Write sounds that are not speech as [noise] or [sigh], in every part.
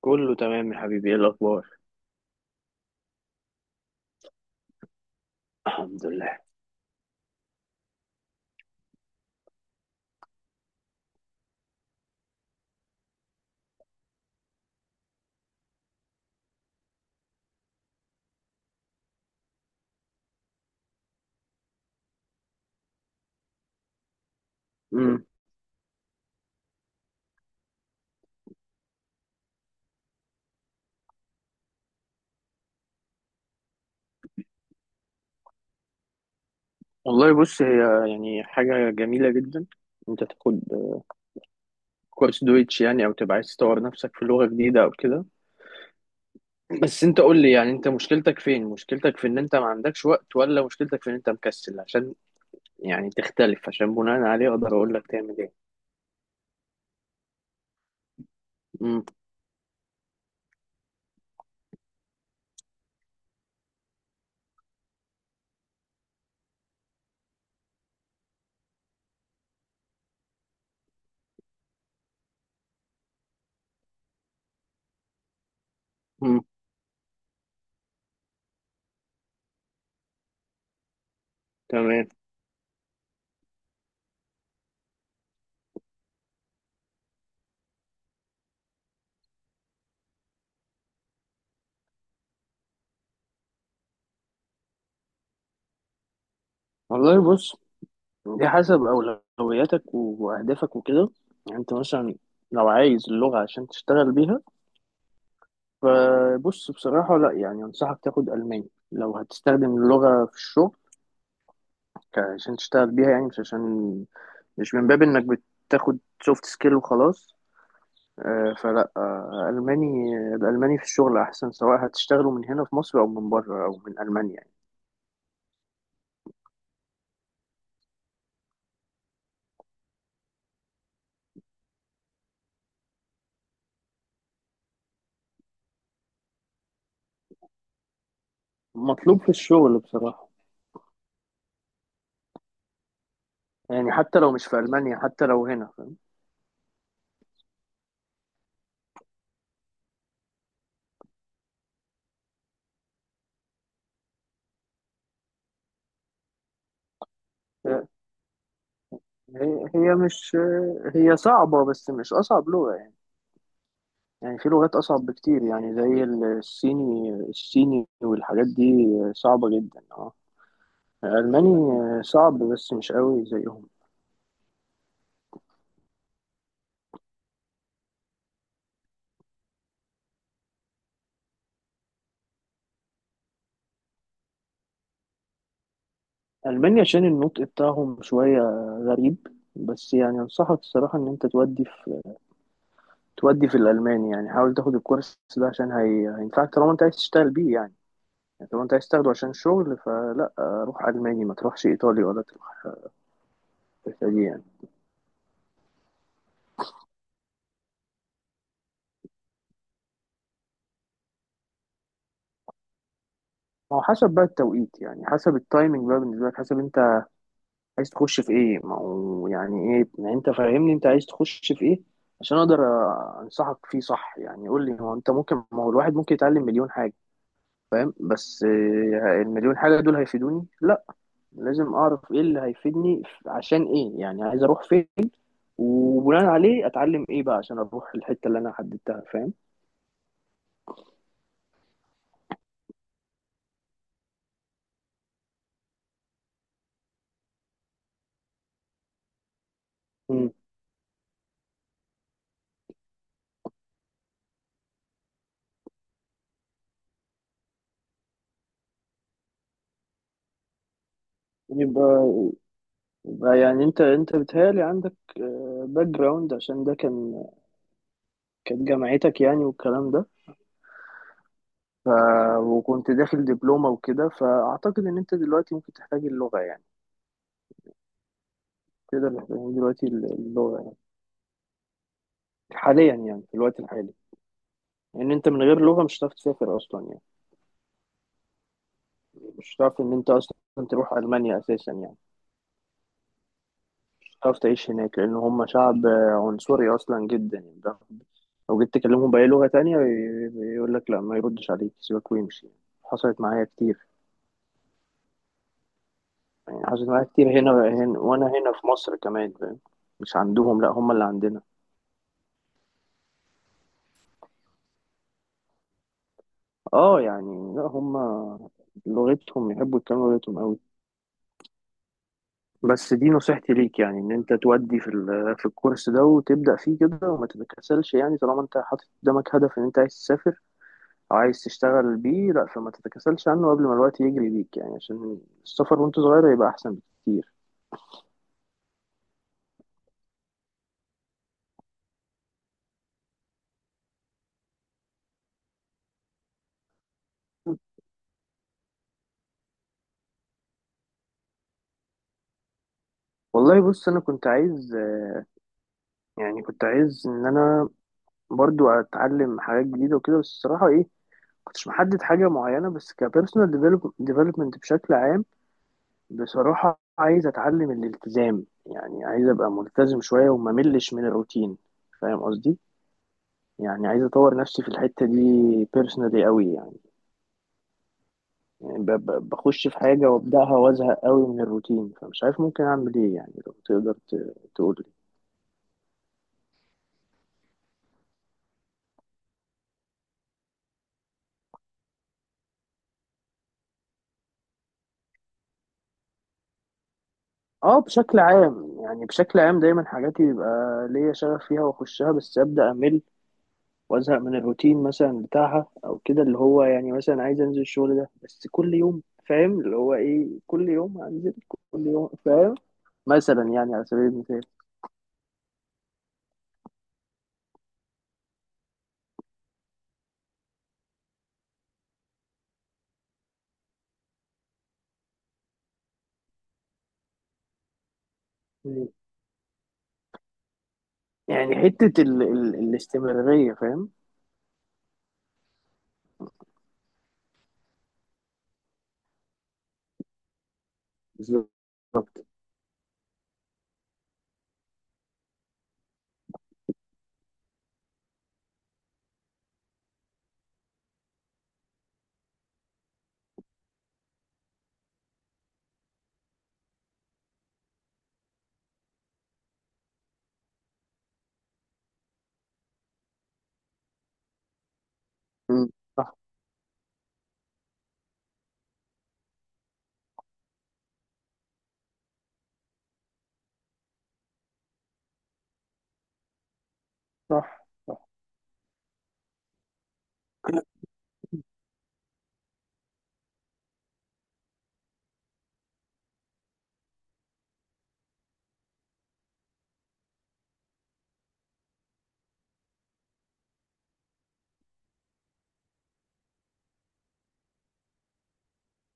كله تمام يا حبيبي، ايه الاخبار؟ [clears throat] الحمد لله. امم. والله، بص. هي يعني حاجه جميله جدا انت تاخد كورس دويتش، يعني او تبقى عايز تطور نفسك في لغه جديده او كده. بس انت قول لي، يعني انت مشكلتك فين؟ مشكلتك في ان انت ما عندكش وقت ولا مشكلتك في ان انت مكسل؟ عشان يعني تختلف، عشان بناء عليه اقدر اقول لك تعمل ايه. امم، امم. تمام. والله، بص، دي حسب اولوياتك واهدافك وكده. يعني انت مثلا لو عايز اللغه عشان تشتغل بيها، فبص، بصراحة لا، يعني أنصحك تاخد ألماني لو هتستخدم اللغة في الشغل، عشان تشتغل بيها، يعني مش عشان، مش من باب إنك بتاخد سوفت سكيل وخلاص. فلا، الألماني في الشغل أحسن، سواء هتشتغلوا من هنا في مصر أو من بره أو من ألمانيا، يعني مطلوب في الشغل بصراحة. يعني حتى لو مش في ألمانيا، حتى لو هنا، فاهم. هي هي مش هي صعبة بس مش أصعب لغة يعني. يعني في لغات أصعب بكتير، يعني زي الصيني والحاجات دي، صعبة جدا اه. ألماني صعب بس مش قوي زيهم. ألمانيا عشان النطق بتاعهم شوية غريب. بس يعني أنصحك الصراحة إن أنت تودي في الألماني، يعني حاول تاخد الكورس ده عشان هينفعك، طالما أنت عايز تشتغل بيه يعني. يعني طالما أنت عايز تاخده عشان شغل، فلا، روح ألماني، ما تروحش إيطالي ولا تروح الحتة دي يعني. هو حسب بقى التوقيت، يعني حسب التايمنج بقى بالنسبة لك، حسب أنت عايز تخش في ايه. ما هو يعني ايه يعني، انت فاهمني، انت عايز تخش في ايه عشان اقدر انصحك فيه صح يعني. قول لي، هو انت ممكن ما هو الواحد ممكن يتعلم مليون حاجة، فاهم، بس المليون حاجة دول هيفيدوني؟ لا. لازم اعرف ايه اللي هيفيدني، عشان ايه، يعني عايز اروح فين، وبناء عليه اتعلم ايه بقى عشان اروح الحتة اللي انا حددتها، فاهم. مم. يبقى يبقى يعني انت بتهيألي عندك باك جراوند، عشان ده كانت جامعتك، يعني والكلام ده، ف... وكنت داخل دبلومة وكده، فأعتقد إن أنت دلوقتي ممكن تحتاج اللغة يعني. تقدر تحتاج دلوقتي اللغة، يعني حاليا يعني في الوقت الحالي. لأن يعني أنت من غير لغة مش هتعرف تسافر أصلا، يعني مش هتعرف إن أنت أصلا تروح ألمانيا أساسا، يعني مش هتعرف تعيش هناك، لأن هم شعب عنصري أصلا جدا، يعني ده لو جيت تكلمهم بأي لغة تانية، يقول لك لا، ما يردش عليك، سيبك ويمشي. حصلت معايا كتير. يعني حصلت معايا كتير هنا وأنا هنا في مصر كمان، فاهم؟ مش عندهم، لا، هم اللي عندنا اه يعني. لا هم لغتهم، يحبوا يتكلموا لغتهم قوي. بس دي نصيحتي ليك، يعني ان انت تودي في الكورس ده وتبدا فيه كده وما تتكاسلش، يعني طالما انت حاطط قدامك هدف ان انت عايز تسافر او عايز تشتغل بيه، لا فما تتكاسلش عنه قبل ما الوقت يجري بيك، يعني عشان السفر وانت صغير هيبقى احسن بكتير. والله بص، انا كنت عايز، يعني كنت عايز ان انا برضو اتعلم حاجات جديده وكده، بس الصراحه ايه، كنتش محدد حاجه معينه، بس كبيرسونال ديفلوبمنت بشكل عام. بصراحة عايز أتعلم الالتزام، يعني عايز أبقى ملتزم شوية وما ملش من الروتين، فاهم قصدي؟ يعني عايز أطور نفسي في الحتة دي بيرسونالي قوي، يعني بخش في حاجة وأبدأها وأزهق قوي من الروتين، فمش عارف ممكن أعمل إيه يعني، لو تقدر تقول لي. أه، بشكل عام، يعني بشكل عام دايما حاجاتي بيبقى ليا شغف فيها وأخشها، بس أبدأ أمل وازهق من الروتين مثلا بتاعها او كده، اللي هو يعني مثلا عايز انزل الشغل ده بس كل يوم، فاهم، اللي هو ايه، كل يوم هنزل كل يوم، فاهم. مثلا يعني على سبيل المثال. مم. يعني حتة ال ال الاستمرارية، فاهم. بالظبط. مم. صح، صح، صح.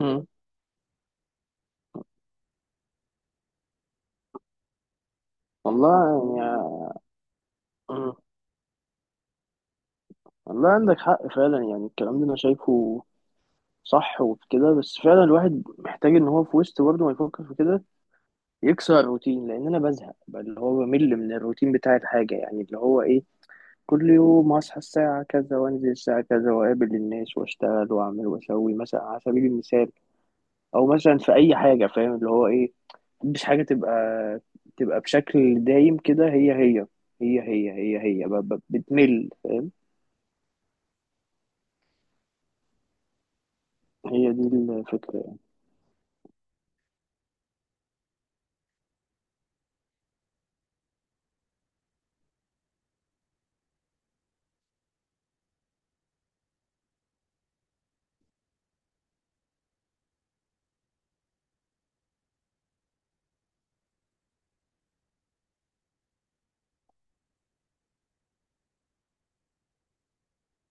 مم. والله يعني. مم. والله عندك حق فعلا، يعني الكلام ده انا شايفه صح وكده، بس فعلا الواحد محتاج ان هو في وسط برضه ما يفكر في كده، يكسر الروتين، لان انا بزهق بقى، اللي هو بمل من الروتين بتاع الحاجه، يعني اللي هو ايه، كل يوم اصحى الساعه كذا وانزل الساعه كذا واقابل الناس واشتغل واعمل واسوي، مثلا على سبيل المثال، او مثلا في اي حاجه، فاهم، اللي هو ايه، مش حاجه تبقى بشكل دايم كده، هي هي هي هي بتمل، فاهم. هي دي الفكره يعني.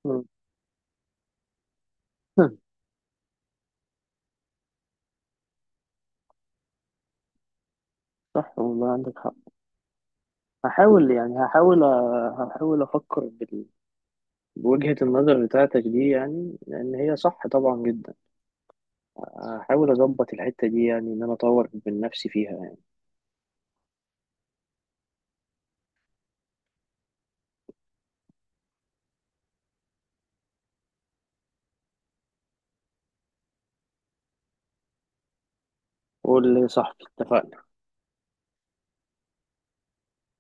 مم. [laughs] صح، والله عندك حق. هحاول يعني هحاول أ- هحاول افكر بوجهة النظر بتاعتك دي، يعني لأن هي صح طبعا جدا. هحاول أظبط الحتة دي، يعني إن أنا أطور من نفسي فيها يعني. قول لي يا صاحبي، اتفقنا.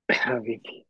[laughs] حبيبي.